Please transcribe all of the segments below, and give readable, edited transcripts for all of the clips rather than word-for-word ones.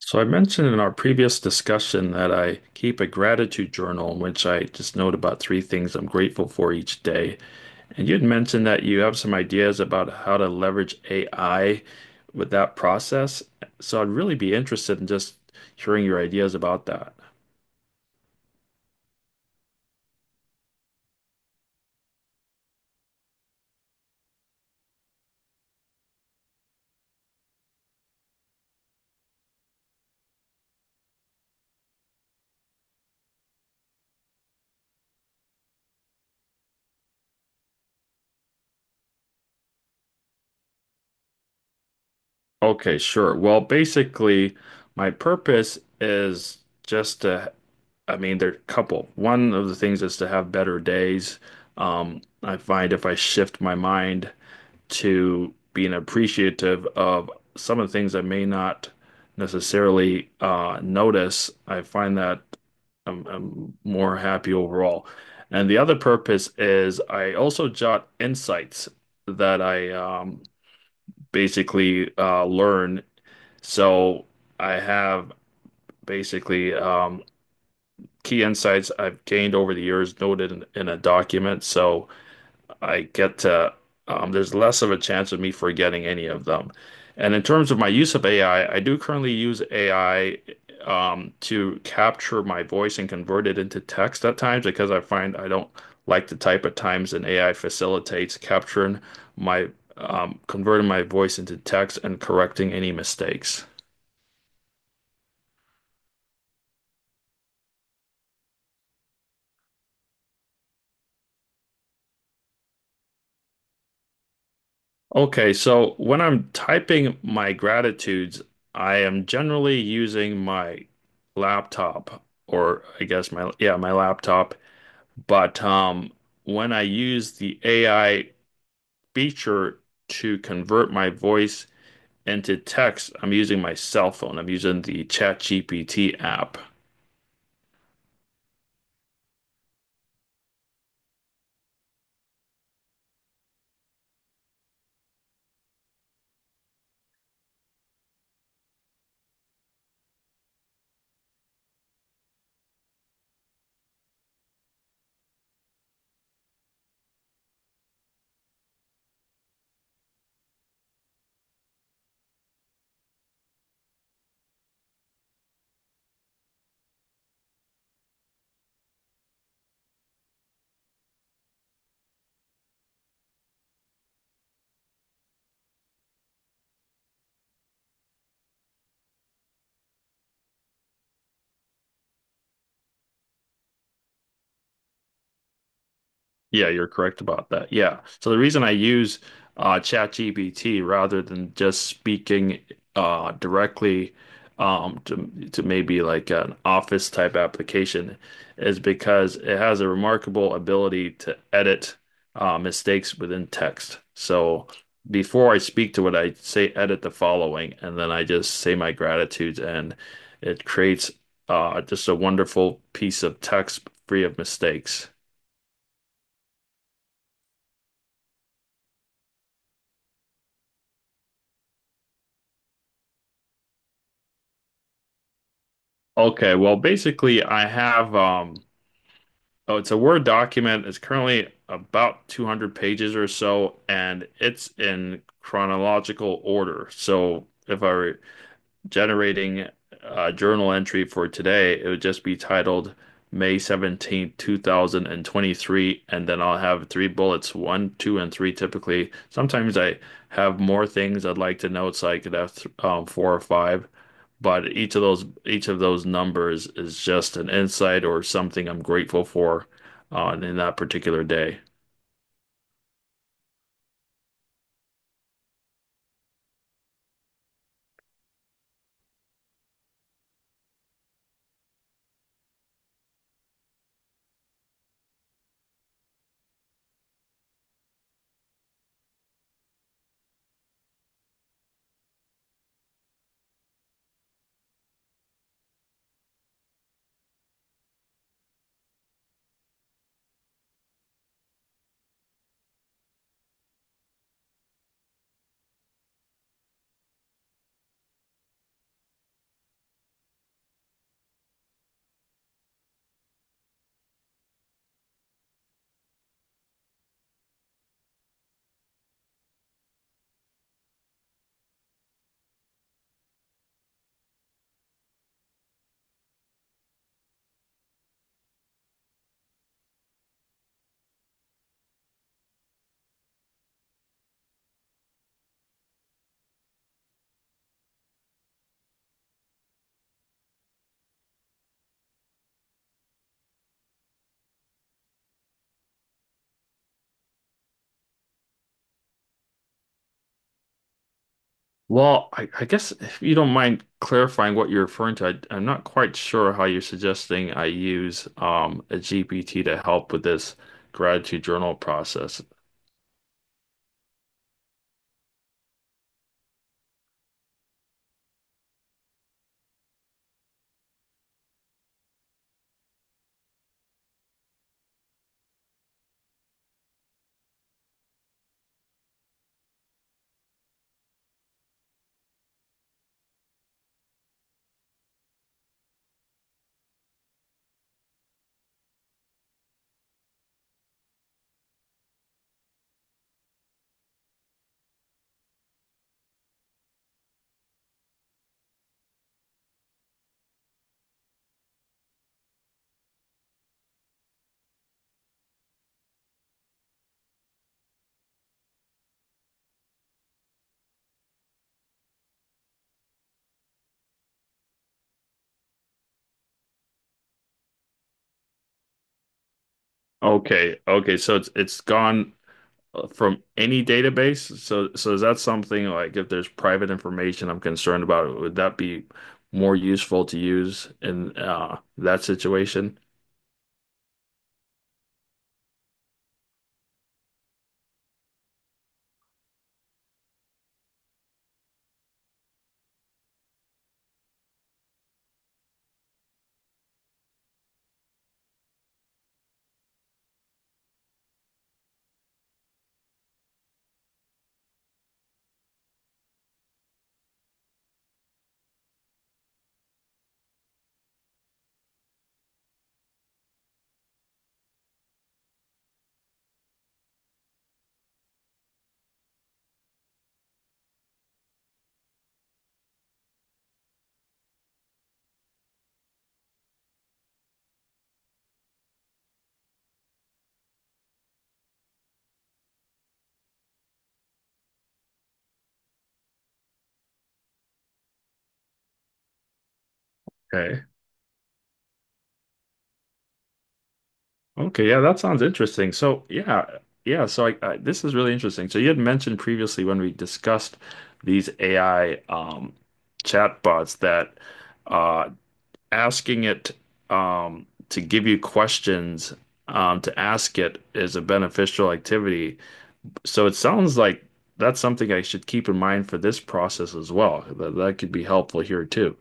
So I mentioned in our previous discussion that I keep a gratitude journal in which I just note about three things I'm grateful for each day. And you had mentioned that you have some ideas about how to leverage AI with that process. So I'd really be interested in just hearing your ideas about that. Okay, sure. Well, basically, my purpose is just to, I mean, there are a couple. One of the things is to have better days. I find if I shift my mind to being appreciative of some of the things I may not necessarily notice. I find that I'm more happy overall. And the other purpose is I also jot insights that I basically learn, so I have basically key insights I've gained over the years noted in a document. So I get to, there's less of a chance of me forgetting any of them. And in terms of my use of AI, I do currently use AI to capture my voice and convert it into text at times, because I find I don't like to type at times, and AI facilitates capturing my converting my voice into text and correcting any mistakes. Okay, so when I'm typing my gratitudes, I am generally using my laptop, or I guess my, yeah, my laptop. But when I use the AI feature to convert my voice into text, I'm using my cell phone. I'm using the ChatGPT app. Yeah, you're correct about that. Yeah. So the reason I use ChatGPT rather than just speaking directly to maybe like an office type application is because it has a remarkable ability to edit mistakes within text. So before I speak to it, I say edit the following, and then I just say my gratitudes, and it creates just a wonderful piece of text free of mistakes. Okay, well, basically, I have oh, it's a Word document. It's currently about 200 pages or so, and it's in chronological order. So if I generating a journal entry for today, it would just be titled May 17th, 2023, and 23, and then I'll have three bullets, one, two, and three typically. Sometimes I have more things I'd like to note, so I could have th four or five, but each of those numbers is just an insight or something I'm grateful for on in that particular day. Well, I guess if you don't mind clarifying what you're referring to, I am not quite sure how you're suggesting I use a GPT to help with this gratitude journal process. Okay, okay, so it's gone from any database. So so is that something like if there's private information I'm concerned about, would that be more useful to use in that situation? Okay. Okay, yeah, that sounds interesting. So, yeah, yeah. So, I this is really interesting. So, you had mentioned previously when we discussed these AI chatbots that uh, asking it to give you questions to ask it is a beneficial activity. So, it sounds like that's something I should keep in mind for this process as well. That could be helpful here too.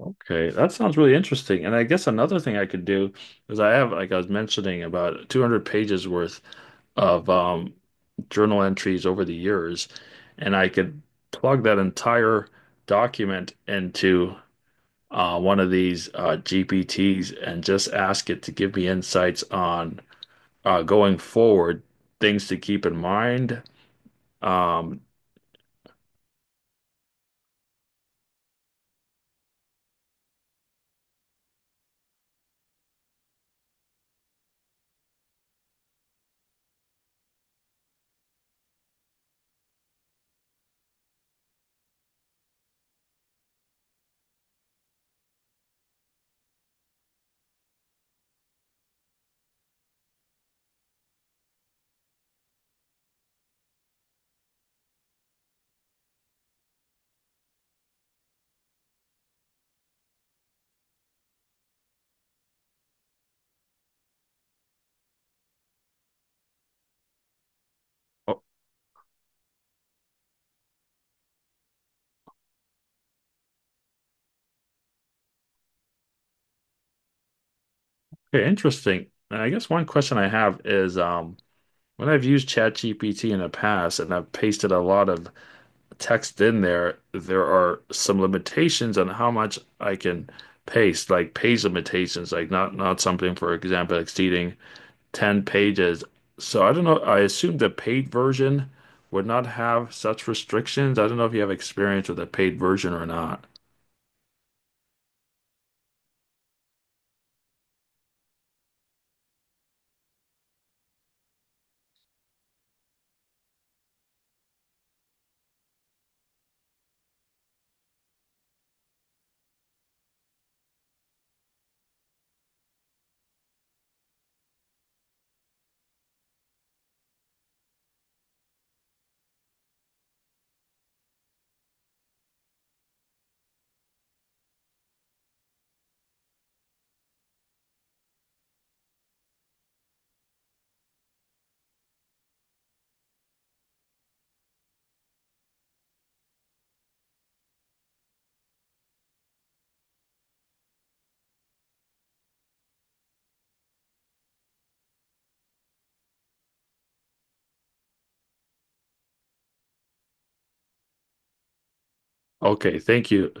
Okay, that sounds really interesting. And I guess another thing I could do is I have, like I was mentioning, about 200 pages worth of journal entries over the years, and I could plug that entire document into one of these GPTs and just ask it to give me insights on going forward, things to keep in mind. Um, okay, interesting. And I guess one question I have is, when I've used ChatGPT in the past and I've pasted a lot of text in there, there are some limitations on how much I can paste, like page limitations, like not something, for example, exceeding 10 pages. So I don't know, I assume the paid version would not have such restrictions. I don't know if you have experience with the paid version or not. Okay, thank you.